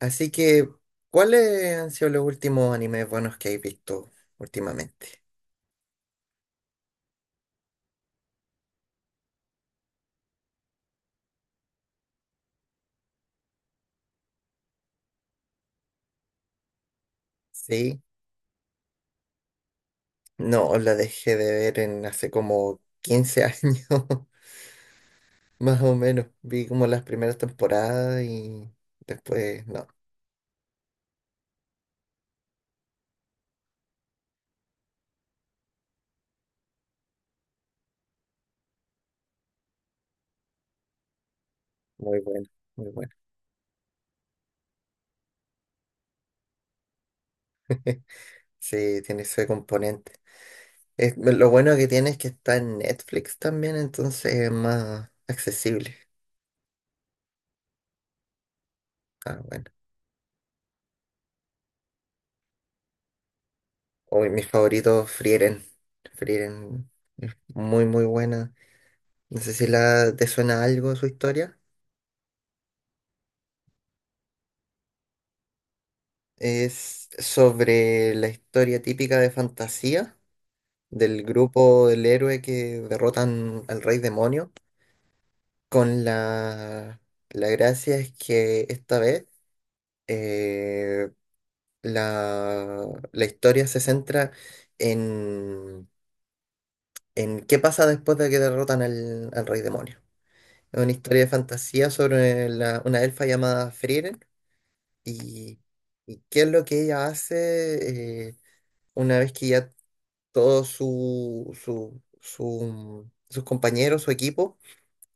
Así que, ¿cuáles han sido los últimos animes buenos que hay visto últimamente? Sí, no, la dejé de ver en hace como 15 años, más o menos. Vi como las primeras temporadas y después, no, muy bueno, muy bueno. Sí, tiene ese componente. Lo bueno que tiene es que está en Netflix también, entonces es más accesible. Ah, bueno. Hoy mis favoritos, Frieren. Frieren, es muy, muy buena. No sé si te suena algo su historia. Es sobre la historia típica de fantasía del grupo del héroe que derrotan al rey demonio. Con la, la gracia es que esta vez eh, la, la historia se centra en, en qué pasa después de que derrotan al rey demonio. Es una historia de fantasía sobre una elfa llamada Frieren. ¿Y y qué es lo que ella hace una vez que ya todos sus compañeros, su equipo,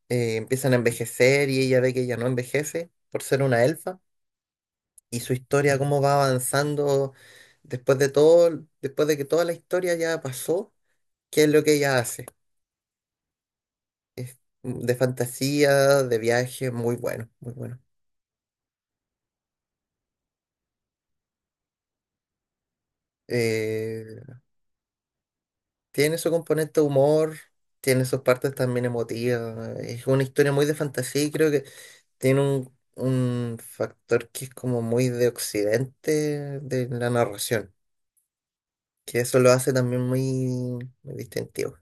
empiezan a envejecer y ella ve que ella no envejece por ser una elfa? Y su historia, cómo va avanzando después de todo, después de que toda la historia ya pasó, ¿qué es lo que ella hace? Es de fantasía, de viaje, muy bueno, muy bueno. Eh, Tiene su componente de humor, tiene sus partes también emotivas. Es una historia muy de fantasía y creo que tiene un factor que es como muy de occidente de la narración, que eso lo hace también muy, muy distintivo.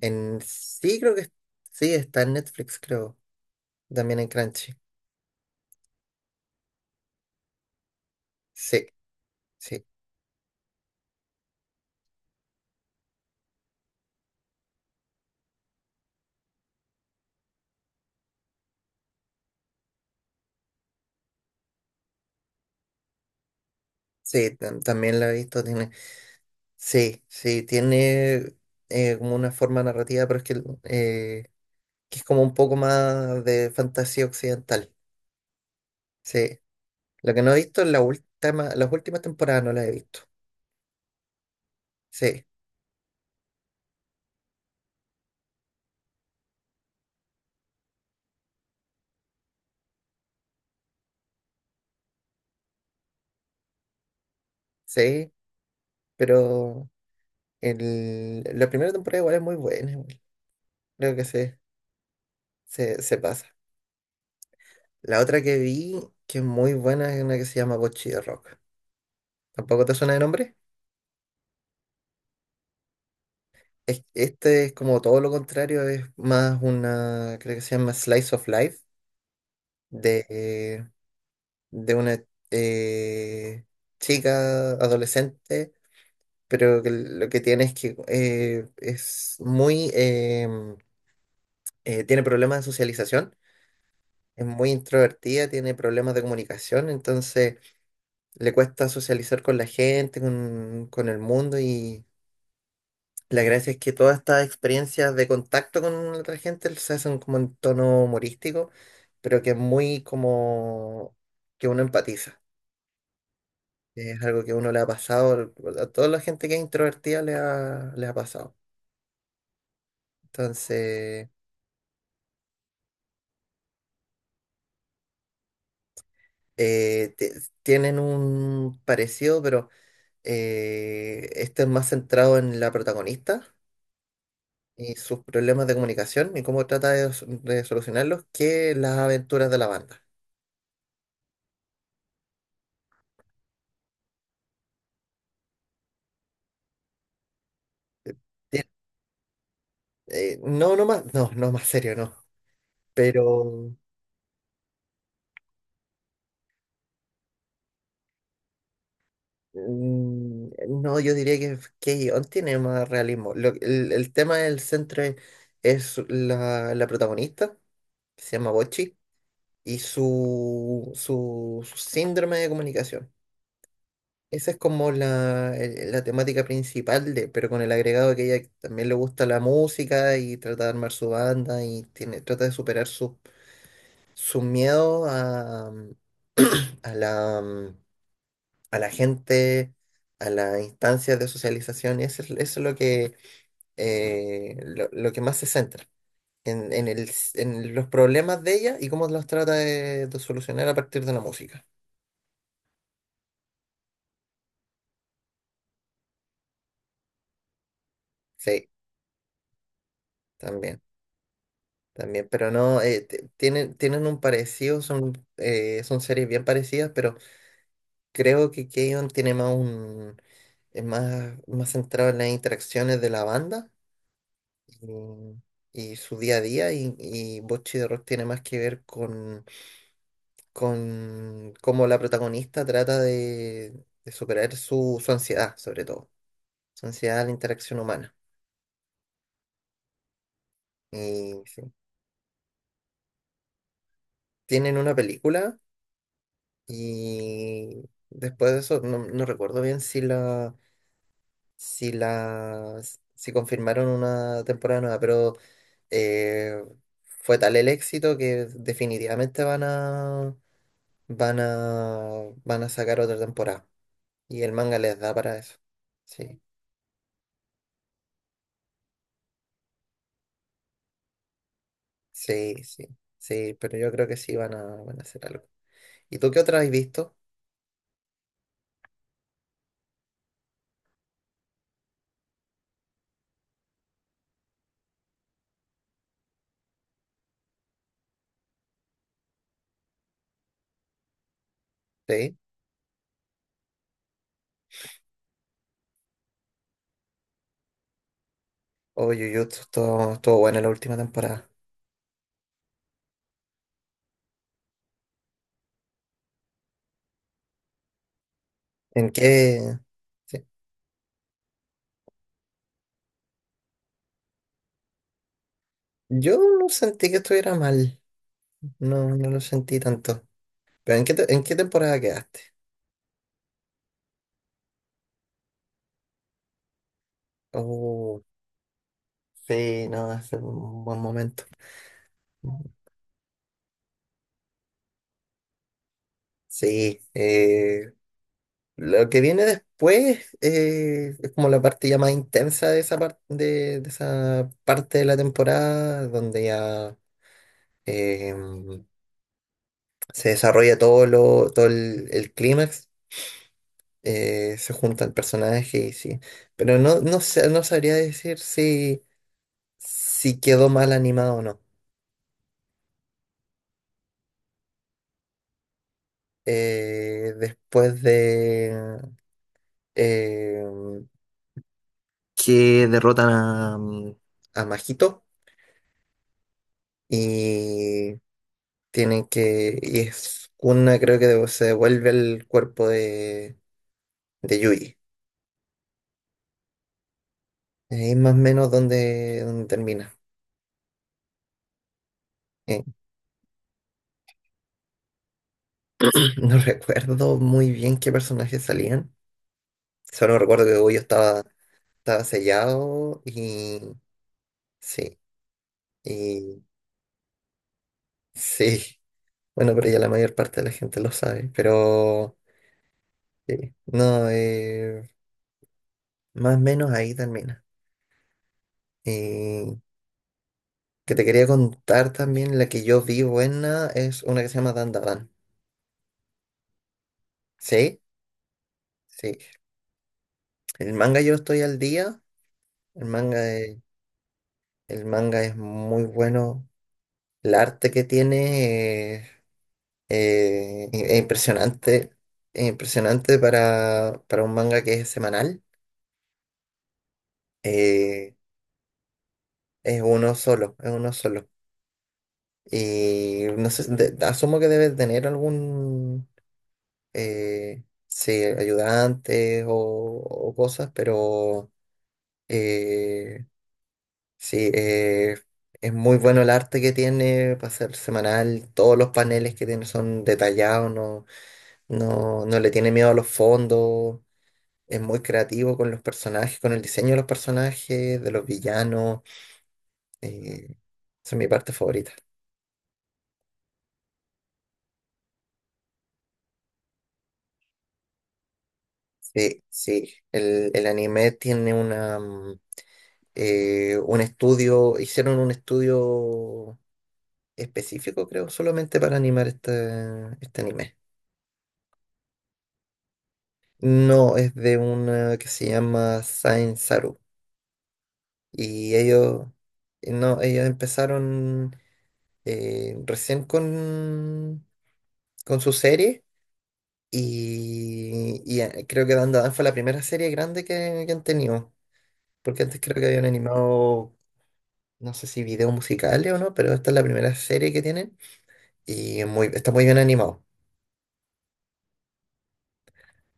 En sí, creo que sí, está en Netflix, creo, también en Crunchy. Sí, sí, sí, también la he visto, tiene, sí, sí, tiene como una forma narrativa, pero es que es como un poco más de fantasía occidental. Sí. Lo que no he visto en la última, las últimas temporadas no las he visto. Sí, sí, pero la primera temporada igual es muy buena. Igual. Creo que se pasa. La otra que vi, que es muy buena, es una que se llama Bocchi de Rock. ¿Tampoco te suena de nombre? Este es como todo lo contrario, es más una, creo que se llama Slice of Life, de, de una eh, chica adolescente pero que lo que tiene es que es muy, tiene problemas de socialización, es muy introvertida, tiene problemas de comunicación, entonces le cuesta socializar con la gente, con el mundo y la gracia es que todas estas experiencias de contacto con otra gente se hacen como en tono humorístico, pero que es muy como que uno empatiza. Es algo que uno le ha pasado, a toda la gente que es introvertida le ha pasado. Entonces... eh, te- tienen un parecido, pero este es más centrado en la protagonista y sus problemas de comunicación y cómo trata de, de solucionarlos que las aventuras de la banda. Tien- no, no más, no, no más serio, no. Pero mm, no, yo diría que K-On! Tiene más realismo. El tema del centro es la protagonista, que se llama Bochi, y su síndrome de comunicación. Esa es como la temática principal, de, pero con el agregado de que ella también le gusta la música y trata de armar su banda y tiene, trata de superar su, su miedo a la, a la gente, a las instancias de socialización. Eso es lo que, lo que más se centra, en los problemas de ella y cómo los trata de solucionar a partir de la música. Sí, también. También, pero no, tienen, tienen un parecido, son, son series bien parecidas, pero creo que Keion tiene más es más, más centrado en las interacciones de la banda y, y su día a día, y Bocchi de Rock tiene más que ver con cómo la protagonista trata de superar su, su ansiedad, sobre todo, su ansiedad a la interacción humana. Y sí, tienen una película. Y después de eso, no, no recuerdo bien si si la, si confirmaron una temporada nueva, pero eh, fue tal el éxito que definitivamente van a, van a, van a sacar otra temporada. Y el manga les da para eso. Sí, sí, sí, sí, pero yo creo que sí van a, van a hacer algo. ¿Y tú qué otra has visto? Sí. Oh, Jujutsu, estuvo estuvo buena la última temporada. ¿En qué? Sí. Yo no sentí que estuviera mal, no, no lo sentí tanto. Pero ¿en qué, en qué temporada quedaste? Oh, sí, no, es un buen momento. Sí, lo que viene después es como la parte ya más intensa de esa, de esa parte de la temporada, donde ya eh, se desarrolla todo el clímax, se junta el personaje y sí. Pero no sabría decir si... si quedó mal animado o no. Después de eh, que derrotan a, a Majito y tienen que. Y es una, creo que se devuelve el cuerpo de Yui. Ahí más o menos donde, donde termina. Eh, no recuerdo muy bien qué personajes salían. Solo recuerdo que Goyo estaba, estaba sellado y. Sí. Y. Sí. Bueno, pero ya la mayor parte de la gente lo sabe, pero sí, no, más o menos ahí termina. Y que te quería contar también, la que yo vi buena es una que se llama Dandadan. ¿Sí? Sí. El manga yo estoy al día, el manga es, el manga es muy bueno, el arte que tiene eh, es impresionante, es impresionante para un manga que es semanal. Eh, es uno solo, es uno solo. Y no sé, asumo que debe tener algún, sí, ayudante o cosas, pero eh, sí, eh, es muy bueno el arte que tiene para ser semanal. Todos los paneles que tiene son detallados, no, no le tiene miedo a los fondos. Es muy creativo con los personajes, con el diseño de los personajes, de los villanos. Eh, esa es mi parte favorita. Sí, sí, el anime tiene una... un estudio, hicieron un estudio específico, creo, solamente para animar este, este anime. No, es de una que se llama Saint Saru. Y ellos, no, ellos empezaron recién con su serie. Y, creo que Dan Dan fue la primera serie grande que han tenido. Porque antes creo que habían animado, no sé si videos musicales o no, pero esta es la primera serie que tienen. Y es muy, está muy bien animado.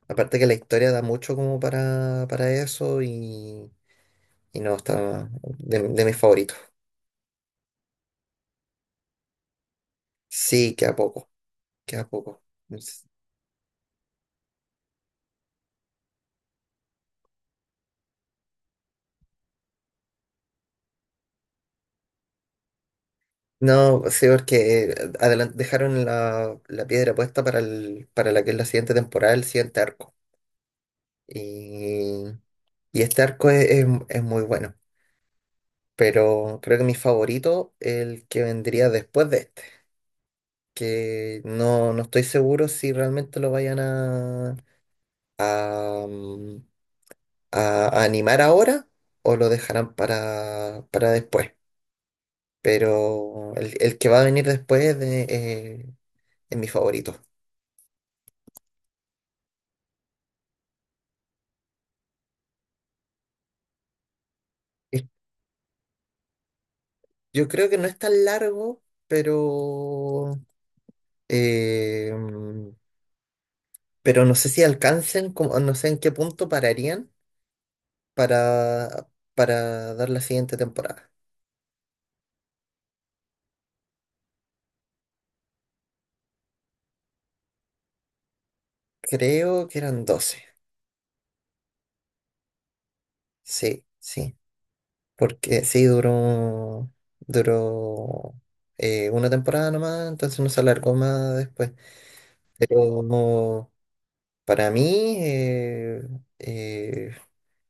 Aparte que la historia da mucho como para eso y no, está de mis favoritos. Sí, queda poco, queda poco. Es- No, sí, porque dejaron la piedra puesta para, para la que es la siguiente temporada, el siguiente arco. Y, y este arco es, es muy bueno, pero creo que mi favorito es el que vendría después de este, que no, no estoy seguro si realmente lo vayan a a, mm, a animar ahora o lo dejarán para después. Pero el que va a venir después de, es mi favorito. Es- Yo creo que no es tan largo, pero, eh, mm, pero no sé si alcancen, no sé en qué punto pararían para, para dar la siguiente temporada. Creo que eran 12. Sí, sí. Porque sí, duró, duró una temporada nomás, entonces no se alargó más después. Pero para mí eh,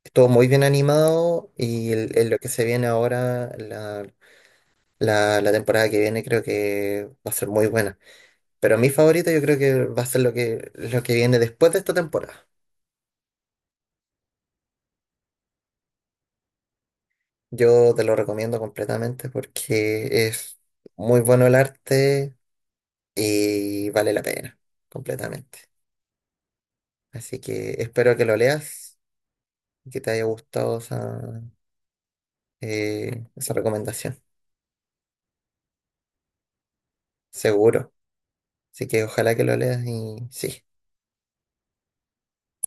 estuvo muy bien animado y el lo que se viene ahora, la temporada que viene, creo que va a ser muy buena. Pero mi favorito yo creo que va a ser lo que viene después de esta temporada. Yo te lo recomiendo completamente porque es muy bueno el arte y vale la pena, completamente. Así que espero que lo leas y que te haya gustado esa, esa recomendación, seguro. Así que ojalá que lo leas y sí.